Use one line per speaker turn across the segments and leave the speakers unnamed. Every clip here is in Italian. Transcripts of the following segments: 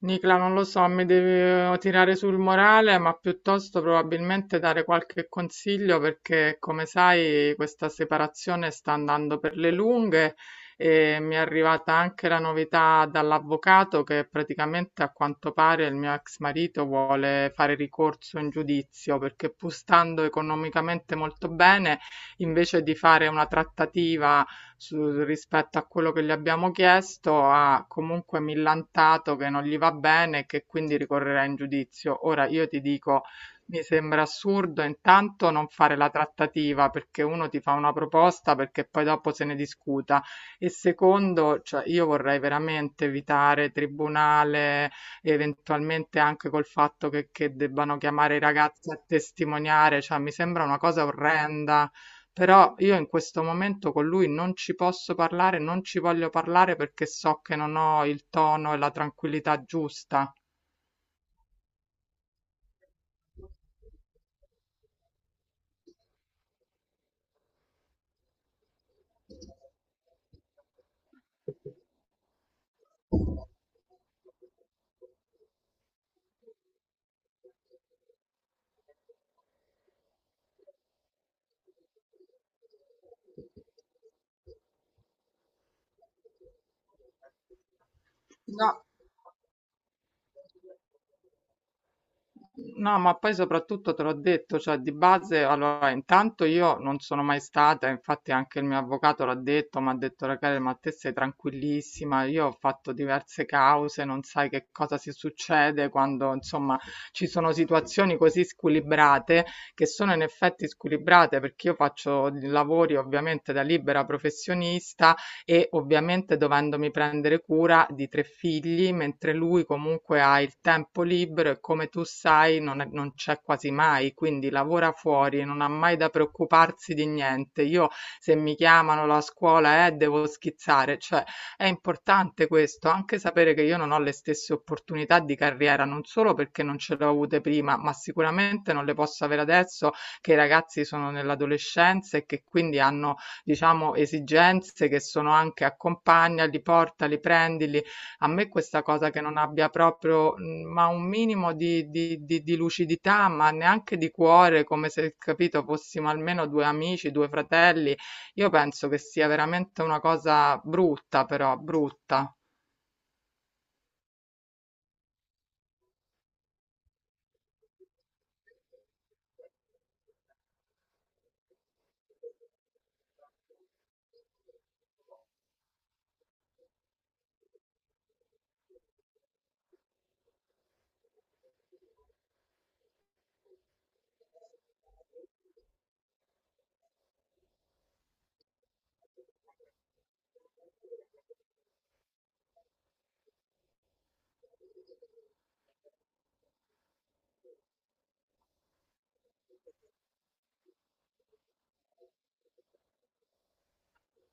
Nicla non lo so, mi deve tirare sul morale, ma piuttosto probabilmente dare qualche consiglio perché, come sai, questa separazione sta andando per le lunghe e mi è arrivata anche la novità dall'avvocato che praticamente a quanto pare il mio ex marito vuole fare ricorso in giudizio perché pur stando economicamente molto bene, invece di fare una trattativa rispetto a quello che gli abbiamo chiesto, ha comunque millantato che non gli va bene e che quindi ricorrerà in giudizio. Ora io ti dico, mi sembra assurdo intanto non fare la trattativa perché uno ti fa una proposta perché poi dopo se ne discuta e secondo, cioè io vorrei veramente evitare tribunale, eventualmente anche col fatto che, debbano chiamare i ragazzi a testimoniare, cioè mi sembra una cosa orrenda. Però io in questo momento con lui non ci posso parlare, non ci voglio parlare perché so che non ho il tono e la tranquillità giusta. No. No, ma poi soprattutto te l'ho detto, cioè di base, allora intanto io non sono mai stata, infatti anche il mio avvocato l'ha detto, mi ha detto Rachele, ma te sei tranquillissima, io ho fatto diverse cause, non sai che cosa si succede quando insomma ci sono situazioni così squilibrate, che sono in effetti squilibrate perché io faccio lavori ovviamente da libera professionista e ovviamente dovendomi prendere cura di 3 figli, mentre lui comunque ha il tempo libero e come tu sai non, non c'è quasi mai, quindi lavora fuori, non ha mai da preoccuparsi di niente. Io se mi chiamano la scuola devo schizzare, cioè è importante questo, anche sapere che io non ho le stesse opportunità di carriera, non solo perché non ce le ho avute prima, ma sicuramente non le posso avere adesso che i ragazzi sono nell'adolescenza e che quindi hanno diciamo, esigenze che sono anche accompagnali, portali, prendili. A me questa cosa che non abbia proprio ma un minimo di lucidità, ma neanche di cuore, come se, capito, fossimo almeno due amici, due fratelli, io penso che sia veramente una cosa brutta, però, brutta.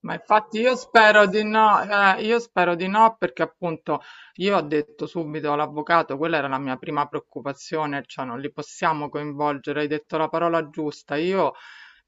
Ma infatti io spero di no, io spero di no perché appunto io ho detto subito all'avvocato, quella era la mia prima preoccupazione, cioè non li possiamo coinvolgere, hai detto la parola giusta, io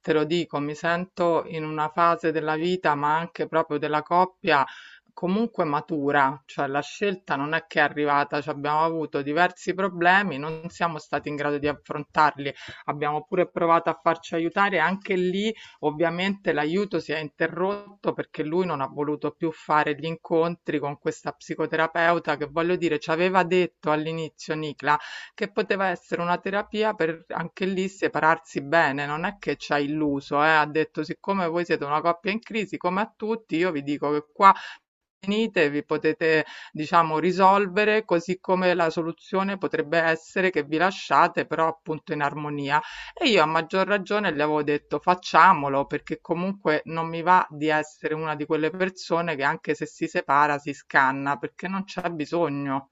te lo dico, mi sento in una fase della vita, ma anche proprio della coppia, comunque matura, cioè la scelta non è che è arrivata, cioè abbiamo avuto diversi problemi, non siamo stati in grado di affrontarli, abbiamo pure provato a farci aiutare anche lì. Ovviamente l'aiuto si è interrotto perché lui non ha voluto più fare gli incontri con questa psicoterapeuta che voglio dire ci aveva detto all'inizio Nicla che poteva essere una terapia per anche lì separarsi bene, non è che ci ha illuso, ha detto siccome voi siete una coppia in crisi come a tutti io vi dico che qua venite, vi potete diciamo risolvere, così come la soluzione potrebbe essere che vi lasciate però appunto in armonia. E io a maggior ragione le avevo detto facciamolo perché comunque non mi va di essere una di quelle persone che anche se si separa si scanna perché non c'è bisogno.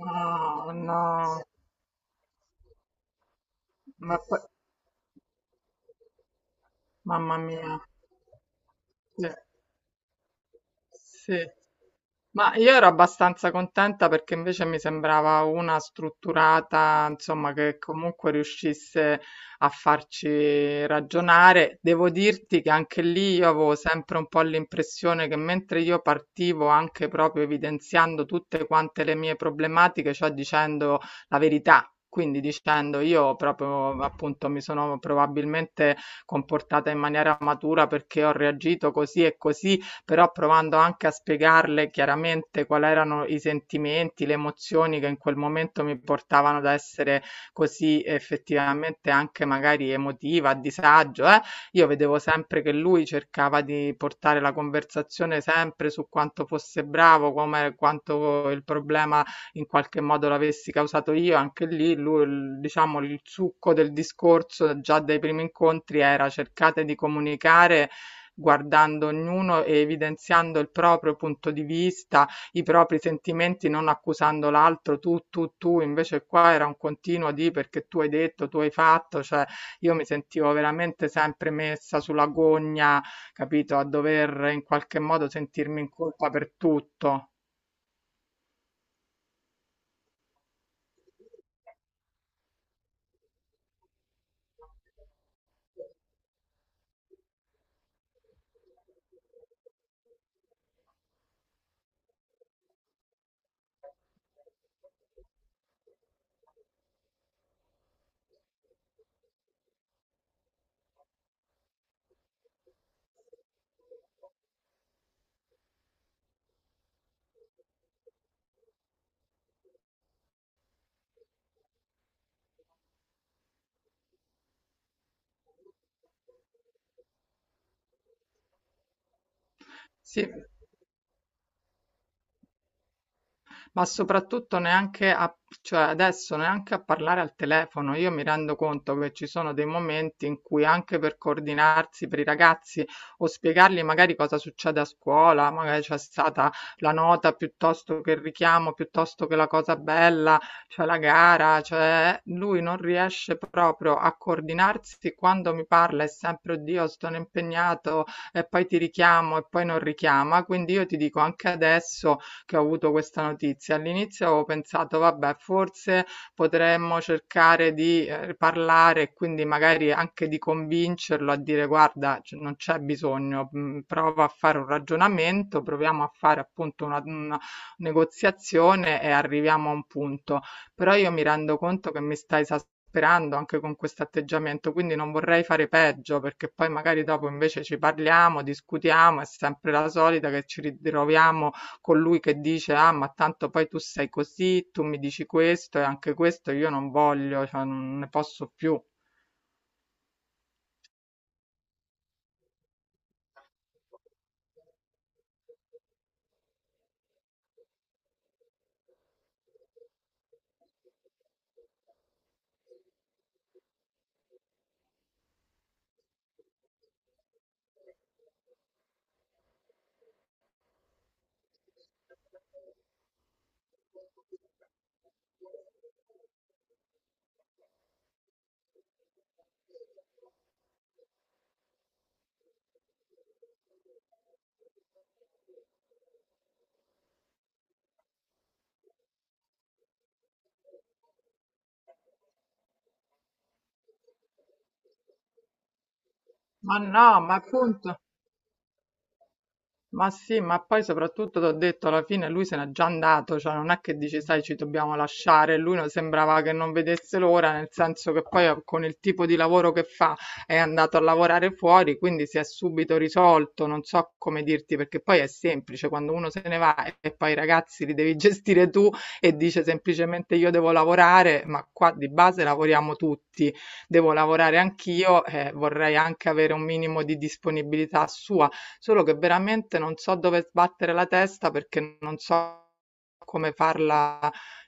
No, no, ma poi- mamma mia. Sì. Sì. Ma io ero abbastanza contenta perché invece mi sembrava una strutturata, insomma, che comunque riuscisse a farci ragionare. Devo dirti che anche lì io avevo sempre un po' l'impressione che mentre io partivo anche proprio evidenziando tutte quante le mie problematiche, cioè dicendo la verità. Quindi dicendo io proprio appunto mi sono probabilmente comportata in maniera matura perché ho reagito così e così, però provando anche a spiegarle chiaramente quali erano i sentimenti, le emozioni che in quel momento mi portavano ad essere così effettivamente anche magari emotiva, a disagio, eh? Io vedevo sempre che lui cercava di portare la conversazione sempre su quanto fosse bravo, come quanto il problema in qualche modo l'avessi causato io, anche lì lui, diciamo il succo del discorso già dai primi incontri era cercate di comunicare guardando ognuno e evidenziando il proprio punto di vista, i propri sentimenti, non accusando l'altro tu, tu, tu, invece qua era un continuo di perché tu hai detto, tu hai fatto, cioè io mi sentivo veramente sempre messa sulla gogna, capito, a dover in qualche modo sentirmi in colpa per tutto. Sì, ma soprattutto neanche a, cioè adesso neanche a parlare al telefono. Io mi rendo conto che ci sono dei momenti in cui anche per coordinarsi per i ragazzi o spiegargli magari cosa succede a scuola, magari c'è stata la nota piuttosto che il richiamo, piuttosto che la cosa bella, cioè la gara, cioè lui non riesce proprio a coordinarsi quando mi parla è sempre oddio, sono impegnato e poi ti richiamo e poi non richiama, quindi io ti dico anche adesso che ho avuto questa notizia. All'inizio avevo pensato, vabbè, forse potremmo cercare di parlare e quindi magari anche di convincerlo a dire, guarda, non c'è bisogno, prova a fare un ragionamento, proviamo a fare appunto una negoziazione e arriviamo a un punto. Però io mi rendo conto che mi sta esasperando anche con questo atteggiamento, quindi non vorrei fare peggio perché poi magari dopo invece ci parliamo, discutiamo, è sempre la solita che ci ritroviamo colui che dice ah ma tanto poi tu sei così, tu mi dici questo e anche questo io non voglio, cioè non ne posso più. Ma no, ma appunto Ma sì, ma poi soprattutto ti ho detto, alla fine lui se n'è già andato, cioè non è che dici, sai, ci dobbiamo lasciare, lui non sembrava che non vedesse l'ora, nel senso che poi con il tipo di lavoro che fa è andato a lavorare fuori, quindi si è subito risolto, non so come dirti, perché poi è semplice, quando uno se ne va e poi i ragazzi li devi gestire tu e dice semplicemente io devo lavorare, ma qua di base lavoriamo tutti, devo lavorare anch'io, vorrei anche avere un minimo di disponibilità sua. Solo che veramente non so dove sbattere la testa perché non so come farla,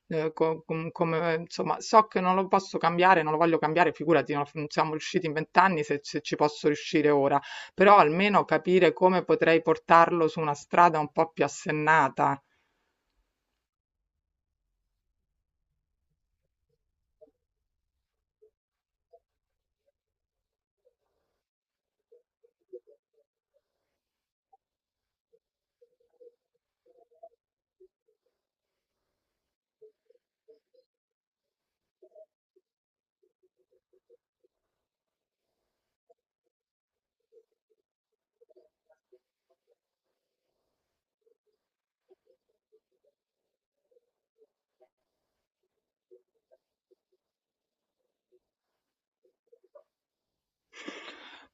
come, insomma, so che non lo posso cambiare, non lo voglio cambiare, figurati, non siamo riusciti in vent'anni se, se ci posso riuscire ora, però almeno capire come potrei portarlo su una strada un po' più assennata.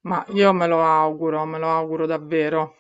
Ma io me lo auguro davvero.